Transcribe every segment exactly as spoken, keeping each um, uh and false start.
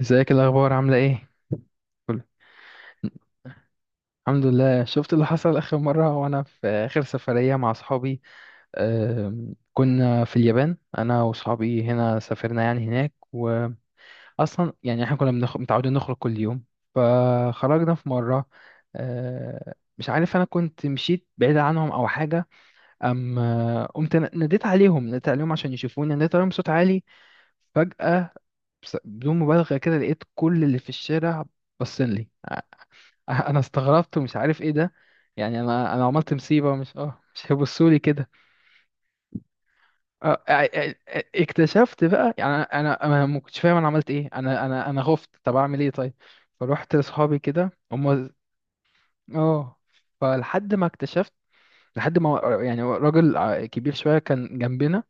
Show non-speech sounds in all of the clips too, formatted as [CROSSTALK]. ازيك؟ الاخبار عامله ايه؟ كله. الحمد لله. شفت اللي حصل اخر مره وانا في اخر سفريه مع اصحابي؟ آم، كنا في اليابان. انا واصحابي هنا سافرنا يعني هناك. واصلا يعني احنا كنا بنخ... متعودين نخرج كل يوم. فخرجنا في مره. آه، مش عارف، انا كنت مشيت بعيد عنهم او حاجه. ام آه، قمت ن- ناديت عليهم ناديت عليهم عشان يشوفوني، ناديت عليهم بصوت عالي. فجاه، بس- بدون مبالغه كده لقيت كل اللي في الشارع باصين لي. [LAUGHS] انا استغربت ومش عارف ايه ده. يعني انا انا عملت مصيبه؟ مش اه مش هيبصوا لي كده. آه، آه، آه، آه، اكتشفت بقى، يعني انا انا ما كنتش فاهم انا عملت ايه. انا انا انا خفت، طب اعمل ايه طيب؟ فروحت لاصحابي كده هم. اه فلحد ما اكتشفت، لحد ما يعني راجل ع- كبير شويه كان جنبنا.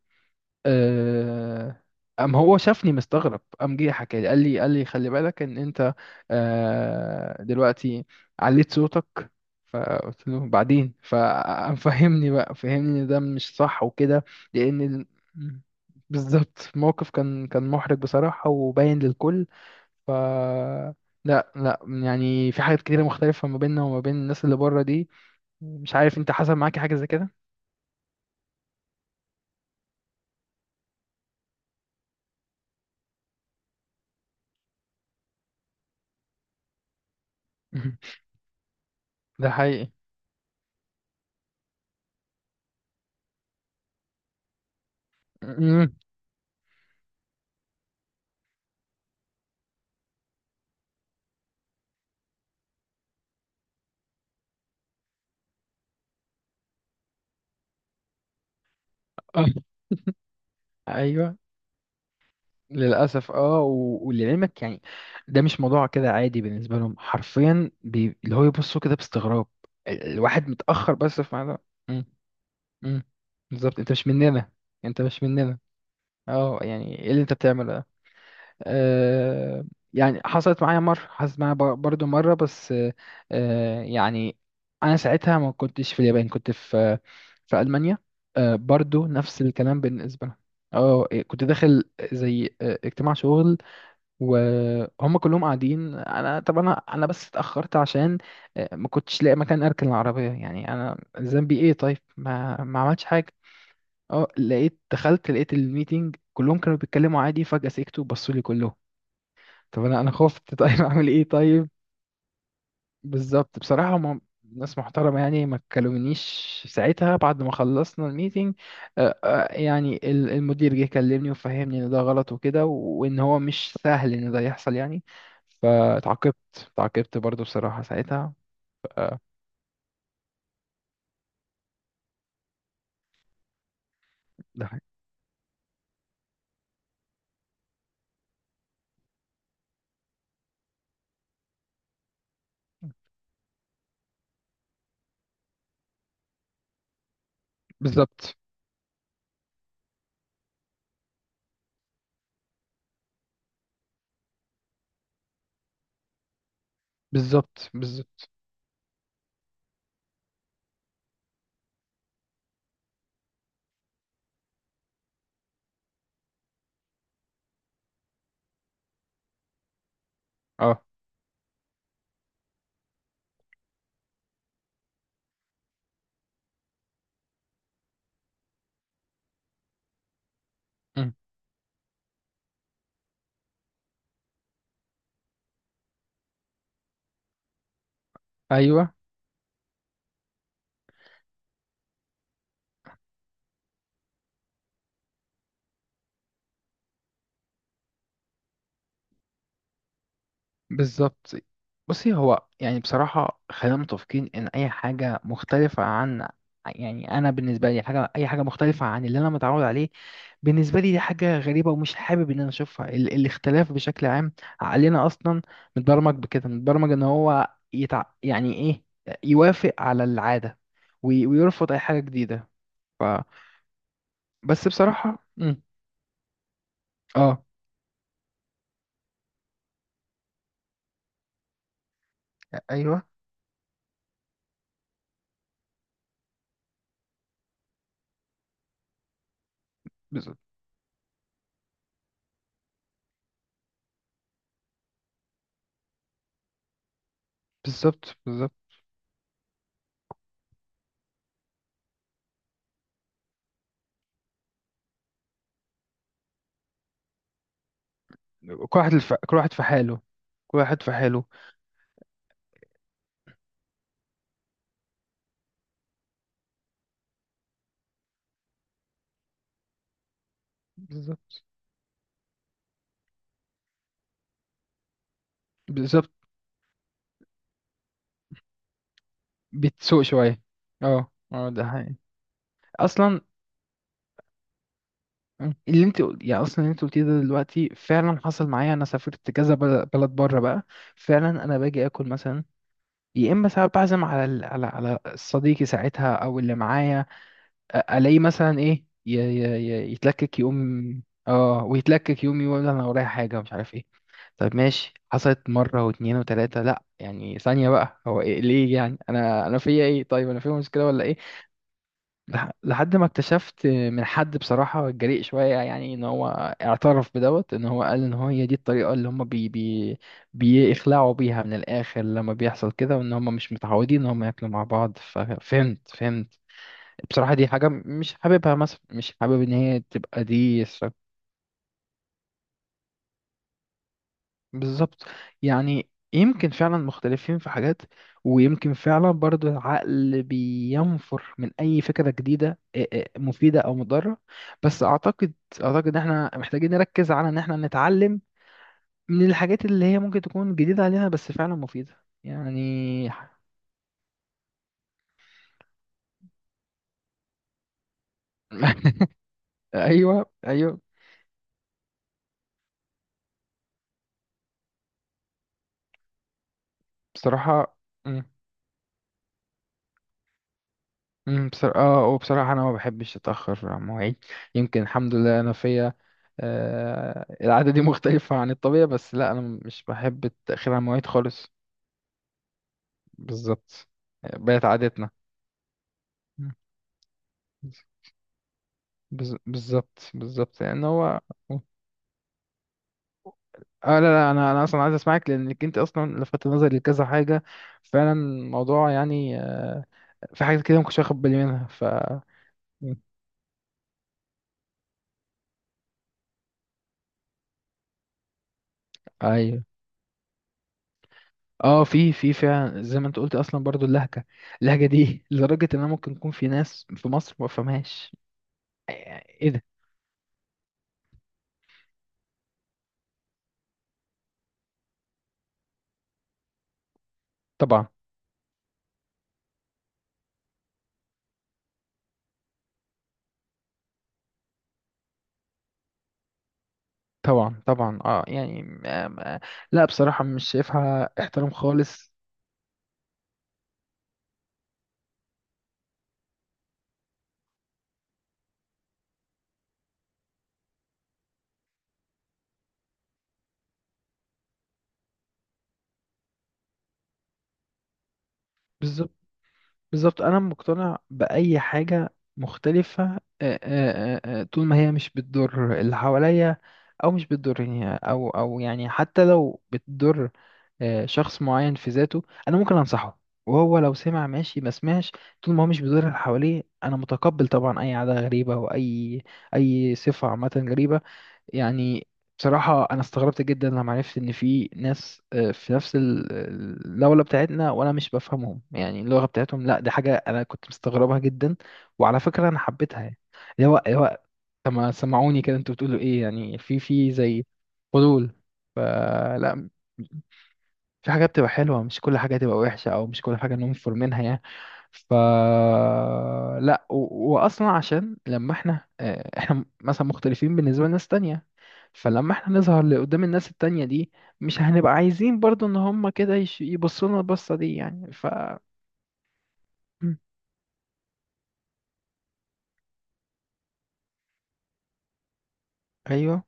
آه، قام هو شافني مستغرب، قام جه حكى لي، قال لي قال لي خلي بالك ان انت آه، دلوقتي عليت صوتك. فقلت له بعدين. فقام فهمني بقى، فهمني ان ده مش صح وكده. لان ال- بالظبط الموقف كان كان محرج بصراحة وباين للكل. ف لا لا، يعني في حاجات كتيرة مختلفة ما بيننا وما بين الناس اللي بره دي. مش عارف انت حصل معاك حاجة زي كده؟ [LAUGHS] ده حقيقي. [LAUGHS] أمم. آه. ايوه، للأسف. اه و- ولعلمك، يعني ده مش موضوع كده عادي بالنسبة لهم حرفيا، بي... اللي هو يبصوا كده باستغراب. ال- الواحد متأخر بس، في معلومة. مم. مم. بالظبط، انت مش مننا. انت مش مننا. اه، يعني ايه اللي انت بتعمله ده؟ آه، يعني حصلت معايا مرة، حصلت معايا بر- برضو مرة، بس آه آه، يعني أنا ساعتها ما كنتش في اليابان، كنت في في ألمانيا. آه برضو نفس الكلام بالنسبة لهم. اه إيه، كنت داخل زي آه، اجتماع شغل، وهم كلهم قاعدين. انا طب انا انا بس اتاخرت عشان آه، ما كنتش لاقي مكان اركن العربيه. يعني انا ذنبي ايه طيب؟ ما ما عملتش حاجه. اه لقيت دخلت، لقيت الميتنج كلهم كانوا بيتكلموا عادي، فجاه سكتوا وبصوا لي كلهم. طب انا انا خفت، [LAUGHS] طيب اعمل ايه طيب؟ بالظبط، بصراحة هم ناس محترمة، يعني ما كلمنيش ساعتها. بعد ما خلصنا الميتنج آه، آه، يعني ال- المدير جه كلمني وفهمني ان ده غلط وكده، وان هو مش سهل ان ده يحصل يعني. فتعاقبت، تعاقبت برضو بصراحة ساعتها. ف- آه، ده حاجة. بالظبط بالظبط بالظبط. اه. أمم. ايوه بالظبط. بصي، هو يعني بصراحة خلينا متفقين إن أي حاجة مختلفة عن، يعني أنا بالنسبة لي، حاجة، أي حاجة مختلفة عن اللي أنا متعود عليه بالنسبة لي دي حاجة غريبة، ومش حابب إن أنا أشوفها. ال الاختلاف بشكل عام، عقلنا أصلا متبرمج بكده، متبرمج إن هو يتع... يعني إيه، يوافق على العادة، وي... ويرفض أي حاجة جديدة. ف... بس بصراحة. مم. آه أيوه بالظبط بالظبط. بالظبط. كل واحد الف... كل واحد في حاله. كل واحد في حاله. بالظبط بالظبط. بتسوق شوية. اه اه، ده حقيقي. اصلا اللي انت قل- يعني اصلا اللي انت قلتيه ده دلوقتي فعلا حصل معايا. انا سافرت كذا بل- بلد بره بقى، فعلا انا باجي اكل مثلا، يا اما ساعات بعزم على ال- على على صديقي ساعتها او اللي معايا، أ- الاقيه مثلا ايه ي- ي- ي- يتلكك، يقوم اه ويتلكك، يقوم يقول انا ورايا حاجة، مش عارف ايه. طيب ماشي، حصلت مرة واتنين وتلاتة، لأ يعني ثانية بقى، هو إيه ليه؟ يعني أنا أنا فيا إيه طيب؟ أنا فيا مشكلة ولا إيه؟ لح- لحد ما اكتشفت من حد بصراحة جريء شوية، يعني ان هو اعترف بدوت ان هو قال ان هو هي دي الطريقة اللي هم بي بي بيخلعوا بيها من الاخر لما بيحصل كده، وان هم مش متعودين ان هم ياكلوا مع بعض. ففهمت فهمت بصراحة. دي حاجة مش حاببها، مثلا مش حابب ان هي تبقى دي. بالظبط. يعني يمكن فعلا مختلفين في حاجات، ويمكن فعلا برضو العقل بينفر من أي فكرة جديدة، إيه إيه، مفيدة أو مضرة. بس أعتقد أعتقد إن إحنا محتاجين نركز على إن إحنا نتعلم من الحاجات اللي هي ممكن تكون جديدة علينا بس فعلا مفيدة يعني. [LAUGHS] أيوه أيوه، بصراحة. إمم. امم بصراحة. اه وبصراحة انا ما بحبش اتأخر عن مواعيد. يمكن الحمد لله انا فيا آه العادة دي، [LAUGHS] مختلفة عن الطبيعة، بس لا، انا مش بحب التأخير عن مواعيد خالص. بالظبط، آه، بقت عادتنا. مم. بز- بالظبط بالظبط، لان هو اه لا لا، انا انا اصلا عايز اسمعك لانك انت اصلا لفتت نظري لكذا حاجة. فعلا الموضوع يعني آه، في حاجات كده ما كنتش واخد بالي منها. ف ايوه. اه في في فعلا زي ما انت قلت اصلا. برضو اللهجه اللهجه دي، [LAUGHS] لدرجه ان انا ممكن يكون في ناس في مصر ما فهمهاش. ايه ده؟ طبعا طبعا طبعا، اه يعني، آم، آه، لا بصراحه مش شايفها احترام خالص. بالظبط بالظبط، انا مقتنع باي حاجه مختلفه آه، آه، آه، آه، طول ما هي مش بتضر اللي حواليا، او مش بتضرني، او او يعني حتى لو بتضر آه، شخص معين في ذاته، انا ممكن انصحه، وهو لو سمع ماشي، ما سمعش. طول ما هو مش بيضر اللي حواليه، انا متقبل طبعا اي عاده غريبه، واي اي صفه عامه غريبه يعني. بصراحة أنا استغربت جدا لما عرفت إن في ناس آه، في نفس ال- الدولة بتاعتنا وأنا مش بفهمهم يعني اللغة بتاعتهم. لا دي حاجة أنا كنت مستغربها جدا، وعلى فكرة أنا حبيتها يعني. اللي هو اللي هو طب ما سمعوني كده، أنتوا بتقولوا إيه يعني؟ في في زي فضول. فلا، في حاجة بتبقى حلوة، مش كل حاجة تبقى وحشة، أو مش كل حاجة ننفر منها يعني. ف لا و... وأصلا عشان لما احنا آه، احنا مثلا مختلفين بالنسبة لناس تانية، فلما احنا نظهر لقدام الناس التانية دي، مش هنبقى عايزين برضو ان هما كده يش... يبصوا لنا البصة دي يعني. ف م. ايوه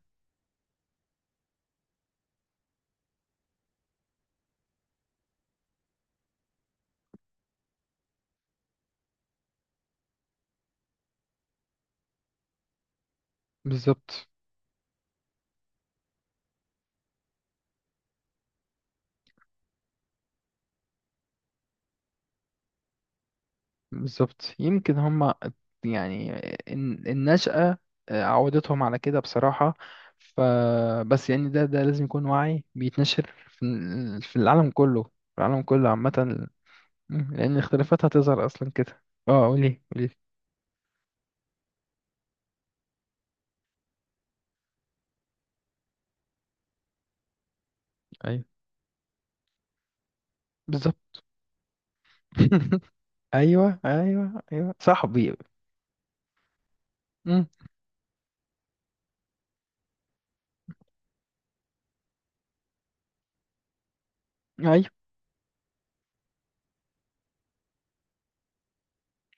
بالظبط. بالظبط يمكن هما يعني الن- النشأة عودتهم على كده بصراحة. فبس يعني ده ده لازم يكون وعي بيتنشر في ال- في العالم كله في العالم كله عامة. مم، لأن الاختلافات هتظهر أصلا كده. اه، قولي قولي. أيوه بالظبط. [LAUGHS] أيوه أيوه أيوه، صاحبي. مم، أيوه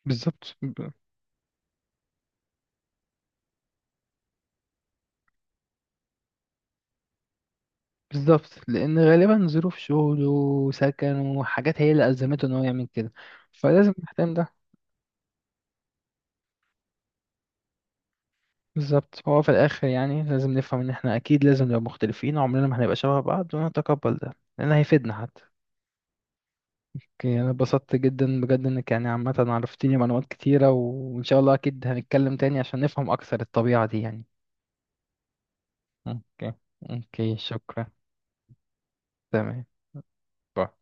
بالظبط، ب- بالظبط لأن غالبا ظروف شغله وسكنه وحاجات هي اللي ألزمته إن هو يعمل كده، فلازم نهتم ده. بالظبط، هو في الآخر يعني لازم نفهم إن إحنا أكيد لازم نبقى مختلفين، عمرنا ما هنبقى شبه بعض، ونتقبل ده لأن هيفيدنا حتى. أوكي، أنا اتبسطت جدا بجد، إنك يعني عامة عرفتيني معلومات كتيرة، وإن شاء الله أكيد هنتكلم تاني عشان نفهم أكثر الطبيعة دي يعني. أوكي. أوكي، شكرا. تمام. باي.